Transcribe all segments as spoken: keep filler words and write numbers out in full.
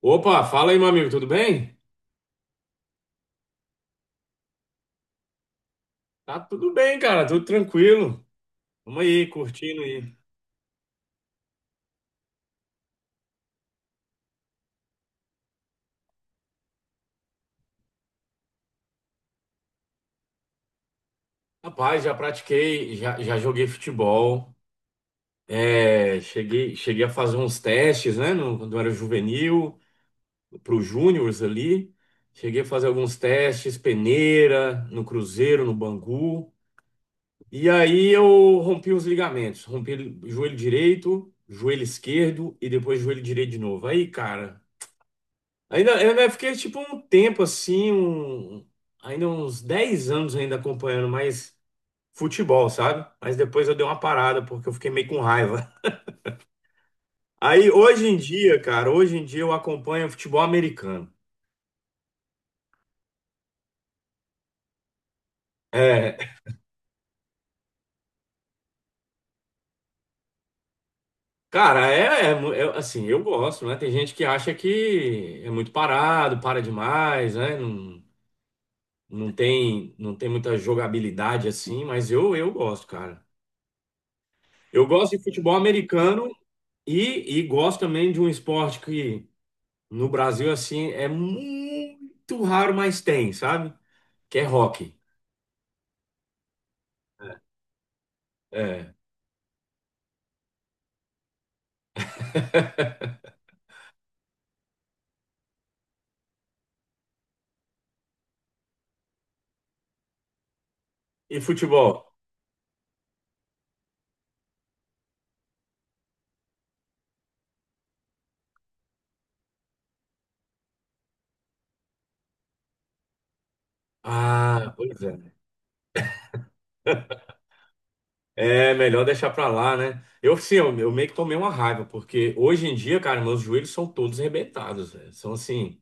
Opa, fala aí, meu amigo, tudo bem? Tá tudo bem, cara, tudo tranquilo. Vamos aí, curtindo aí. Rapaz, já pratiquei, já, já joguei futebol. É, cheguei, cheguei a fazer uns testes, né? No- quando eu era juvenil, pro júniors ali. Cheguei a fazer alguns testes, peneira, no Cruzeiro, no Bangu. E aí eu rompi os ligamentos. Rompi o joelho direito, joelho esquerdo e depois joelho direito de novo. Aí, cara. Ainda, eu ainda fiquei tipo um tempo assim, um, ainda uns dez anos ainda acompanhando mais futebol, sabe? Mas depois eu dei uma parada porque eu fiquei meio com raiva. Aí hoje em dia, cara, hoje em dia eu acompanho futebol americano. É, cara, é, é mu- é, assim, eu gosto, né? Tem gente que acha que é muito parado, para demais, né? Não, não tem, não tem muita jogabilidade assim, mas eu, eu gosto, cara. Eu gosto de futebol americano. E, e gosto também de um esporte que no Brasil, assim, é muito raro, mas tem, sabe? Que é rock. É. E futebol? Ah, pois é. É melhor deixar pra lá, né? Eu, sim, eu, eu meio que tomei uma raiva, porque hoje em dia, cara, meus joelhos são todos arrebentados. Velho. São assim,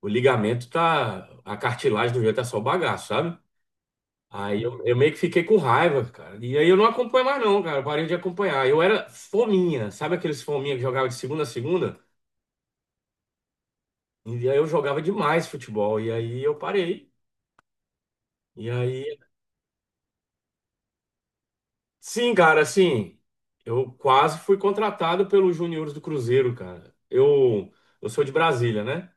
o ligamento tá. A cartilagem do joelho tá só o bagaço, sabe? Aí eu, eu meio que fiquei com raiva, cara. E aí eu não acompanho mais, não, cara. Eu parei de acompanhar. Eu era fominha, sabe aqueles fominha que jogava de segunda a segunda? E aí eu jogava demais futebol. E aí eu parei. E aí. Sim, cara, assim. Eu quase fui contratado pelos juniores do Cruzeiro, cara. Eu, eu sou de Brasília, né?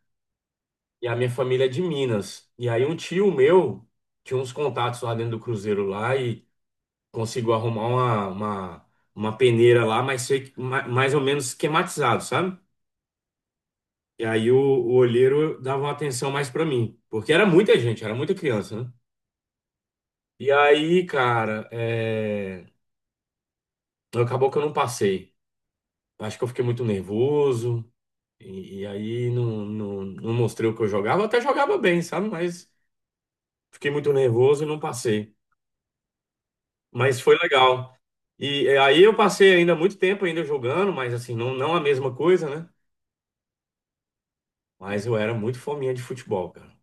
E a minha família é de Minas. E aí um tio meu tinha uns contatos lá dentro do Cruzeiro lá e consigo arrumar uma, uma, uma peneira lá, mas sei, que ma- mais ou menos esquematizado, sabe? E aí o, o olheiro dava uma atenção mais pra mim, porque era muita gente, era muita criança, né? E aí, cara, é... acabou que eu não passei. Acho que eu fiquei muito nervoso, e, e aí não, não, não mostrei o que eu jogava. Eu até jogava bem, sabe? Mas fiquei muito nervoso e não passei. Mas foi legal. E é, aí eu passei ainda muito tempo ainda jogando, mas assim, não, não a mesma coisa, né? Mas eu era muito fominha de futebol, cara.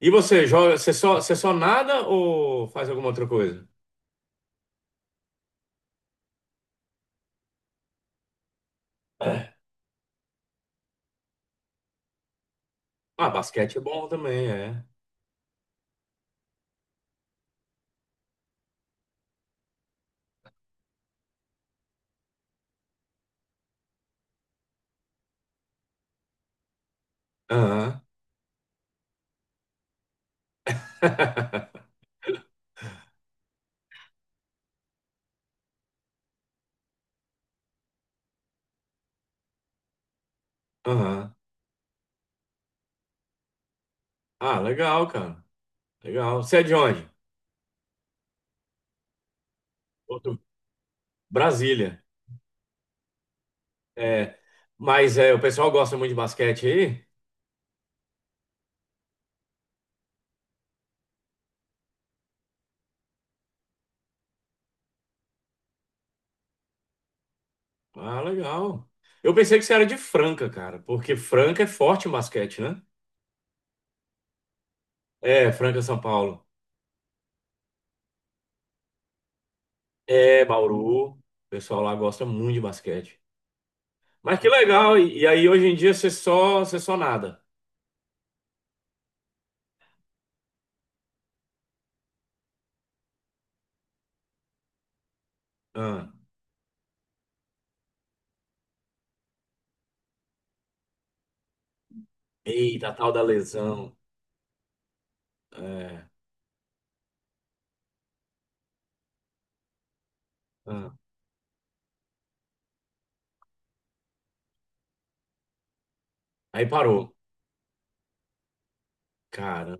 E você joga, você só, você só nada ou faz alguma outra coisa? É. Ah, basquete é bom também, é. Aham. Aham. Ah, legal, cara. Legal. Você é de onde? Outro. Brasília. É. Mas é, o pessoal gosta muito de basquete aí? Ah, legal. Eu pensei que você era de Franca, cara, porque Franca é forte em basquete, né? É, Franca, São Paulo. É, Bauru. O pessoal lá gosta muito de basquete. Mas que legal. E, e aí hoje em dia você só, você só nada. Ah, eita, tal da lesão. É, ah. Aí parou. Caramba.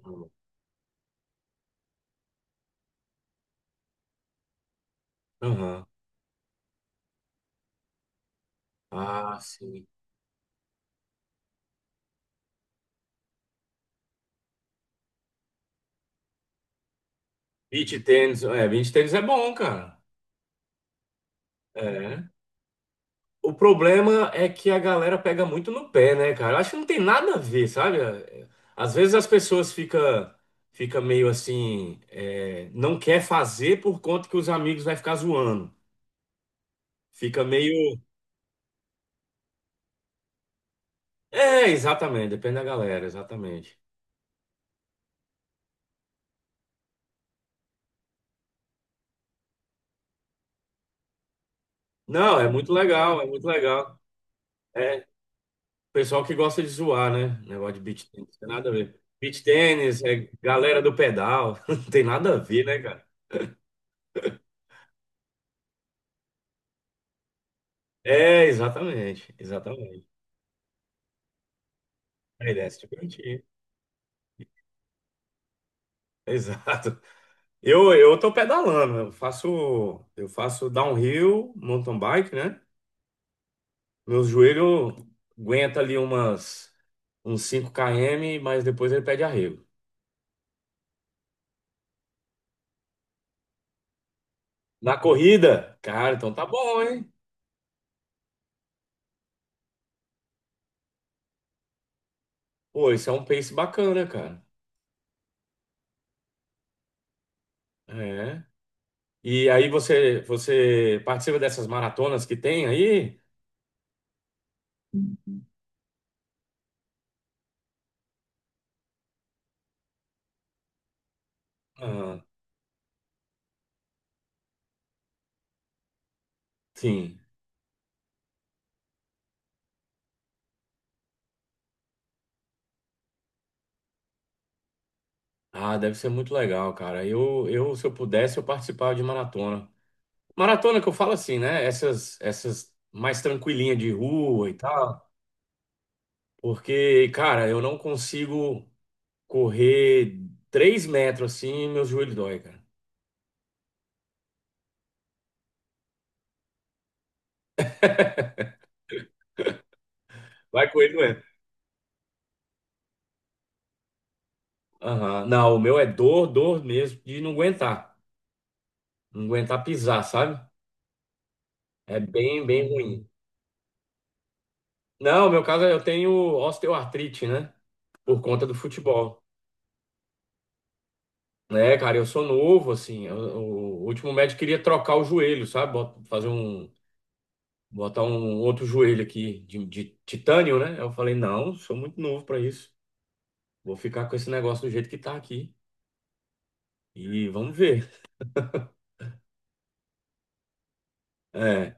Aham. Ah, sim. Beach tênis. É, beach tênis é bom, cara. É. O problema é que a galera pega muito no pé, né, cara? Eu acho que não tem nada a ver, sabe? É, é, Às vezes as pessoas fica, fica meio assim, é, não quer fazer por conta que os amigos vai ficar zoando. Fica meio. É, exatamente, depende da galera, exatamente. Não, é muito legal, é muito legal. É, pessoal que gosta de zoar, né? Negócio de beach tennis, tem nada a ver. Beach tennis, é galera do pedal, não tem nada a ver, né, cara? É, exatamente, exatamente. A ideia é se divertir. Exato. Eu, eu tô pedalando, eu faço, eu faço downhill, mountain bike, né? Meu joelho aguenta ali umas, uns cinco quilômetros, mas depois ele pede arrego. Na corrida? Cara, então tá bom, hein? Pô, isso é um pace bacana, cara. É. E aí você, você participa dessas maratonas que tem aí? Ah, sim. Ah, deve ser muito legal, cara. Eu, eu, se eu pudesse, eu participava de maratona. Maratona que eu falo assim, né? Essas, essas mais tranquilinha de rua e tal. Porque, cara, eu não consigo correr três metros assim, meus joelhos dói, cara. Vai correr, aham. Não, o meu é dor, dor mesmo, de não aguentar. Não aguentar pisar, sabe? É bem, bem ruim. Não, no meu caso eu tenho osteoartrite, né? Por conta do futebol. É, cara, eu sou novo, assim. eu- o último médico queria trocar o joelho, sabe? Bota- Fazer um. Botar um outro joelho aqui de, de titânio, né? Eu falei, não, sou muito novo pra isso. Vou ficar com esse negócio do jeito que tá aqui. E vamos ver. É.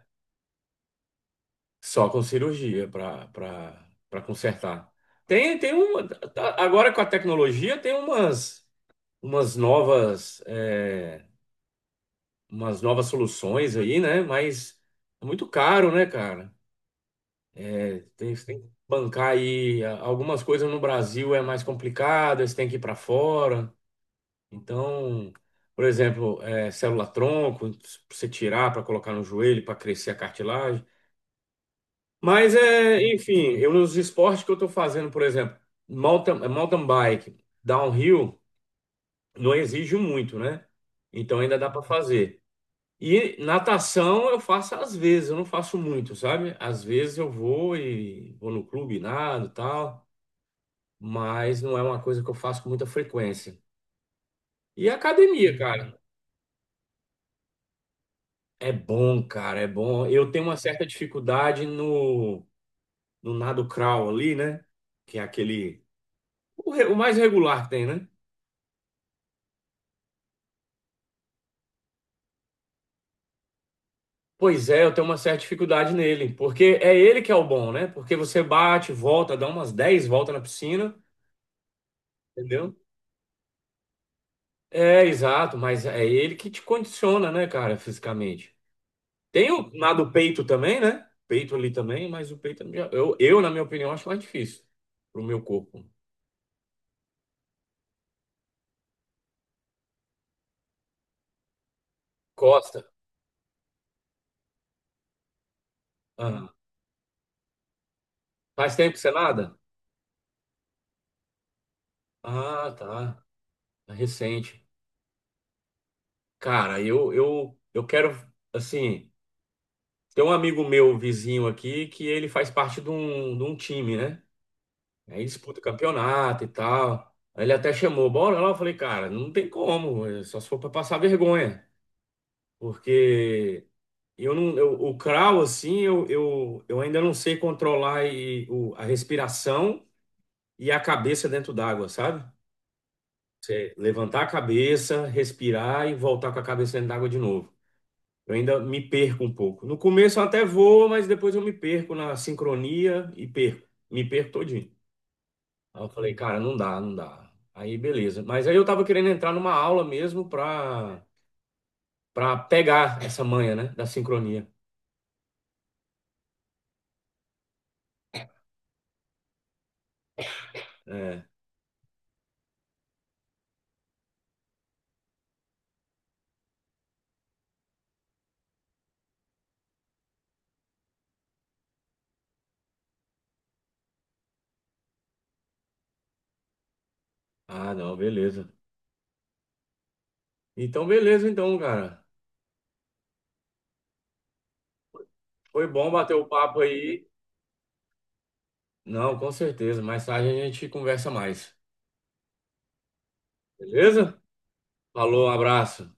Só com cirurgia para para para consertar. Tem tem uma tá- agora com a tecnologia tem umas umas novas é, umas novas soluções aí, né? Mas é muito caro, né, cara? É, tem, você tem que bancar aí A- algumas coisas no Brasil é mais complicado, você tem que ir para fora. Então, por exemplo, é, célula tronco, pra você tirar para colocar no joelho para crescer a cartilagem. Mas é, enfim, eu nos esportes que eu estou fazendo, por exemplo, mountain, mountain bike, downhill, não exige muito, né? Então ainda dá para fazer. E natação eu faço às vezes, eu não faço muito, sabe? Às vezes eu vou e vou no clube, nado, e tal, mas não é uma coisa que eu faço com muita frequência. E academia, cara, é bom, cara, é bom. Eu tenho uma certa dificuldade no, no nado crawl ali, né? Que é aquele, o re- o mais regular que tem, né? Pois é, eu tenho uma certa dificuldade nele, porque é ele que é o bom, né? Porque você bate, volta, dá umas dez voltas na piscina, entendeu? É, exato, mas é ele que te condiciona, né, cara, fisicamente. Tem o nado peito também, né? Peito ali também, mas o peito, já- eu, eu, na minha opinião, acho mais difícil pro meu corpo. Costa. Aham. Faz tempo que você nada? Ah, tá. É recente. Cara, eu, eu, eu quero, assim. Tem um amigo meu, um vizinho aqui, que ele faz parte de um, de um time, né? Aí disputa campeonato e tal. Aí ele até chamou, bora lá. Eu falei, cara, não tem como, é só se for pra passar vergonha. Porque eu não, eu- o crawl, assim, eu, eu, eu ainda não sei controlar e- o- a respiração e a cabeça dentro d'água, sabe? Você levantar a cabeça, respirar e voltar com a cabeça dentro d'água de novo. Eu ainda me perco um pouco. No começo eu até vou, mas depois eu me perco na sincronia e perco. Me perco todinho. Aí eu falei, cara, não dá, não dá. Aí beleza. Mas aí eu tava querendo entrar numa aula mesmo pra, pra pegar essa manha, né? Da sincronia. É. Ah, não, beleza. Então, beleza, então, cara. Foi bom bater o papo aí. Não, com certeza. Mais tarde a gente conversa mais. Beleza? Falou, um abraço.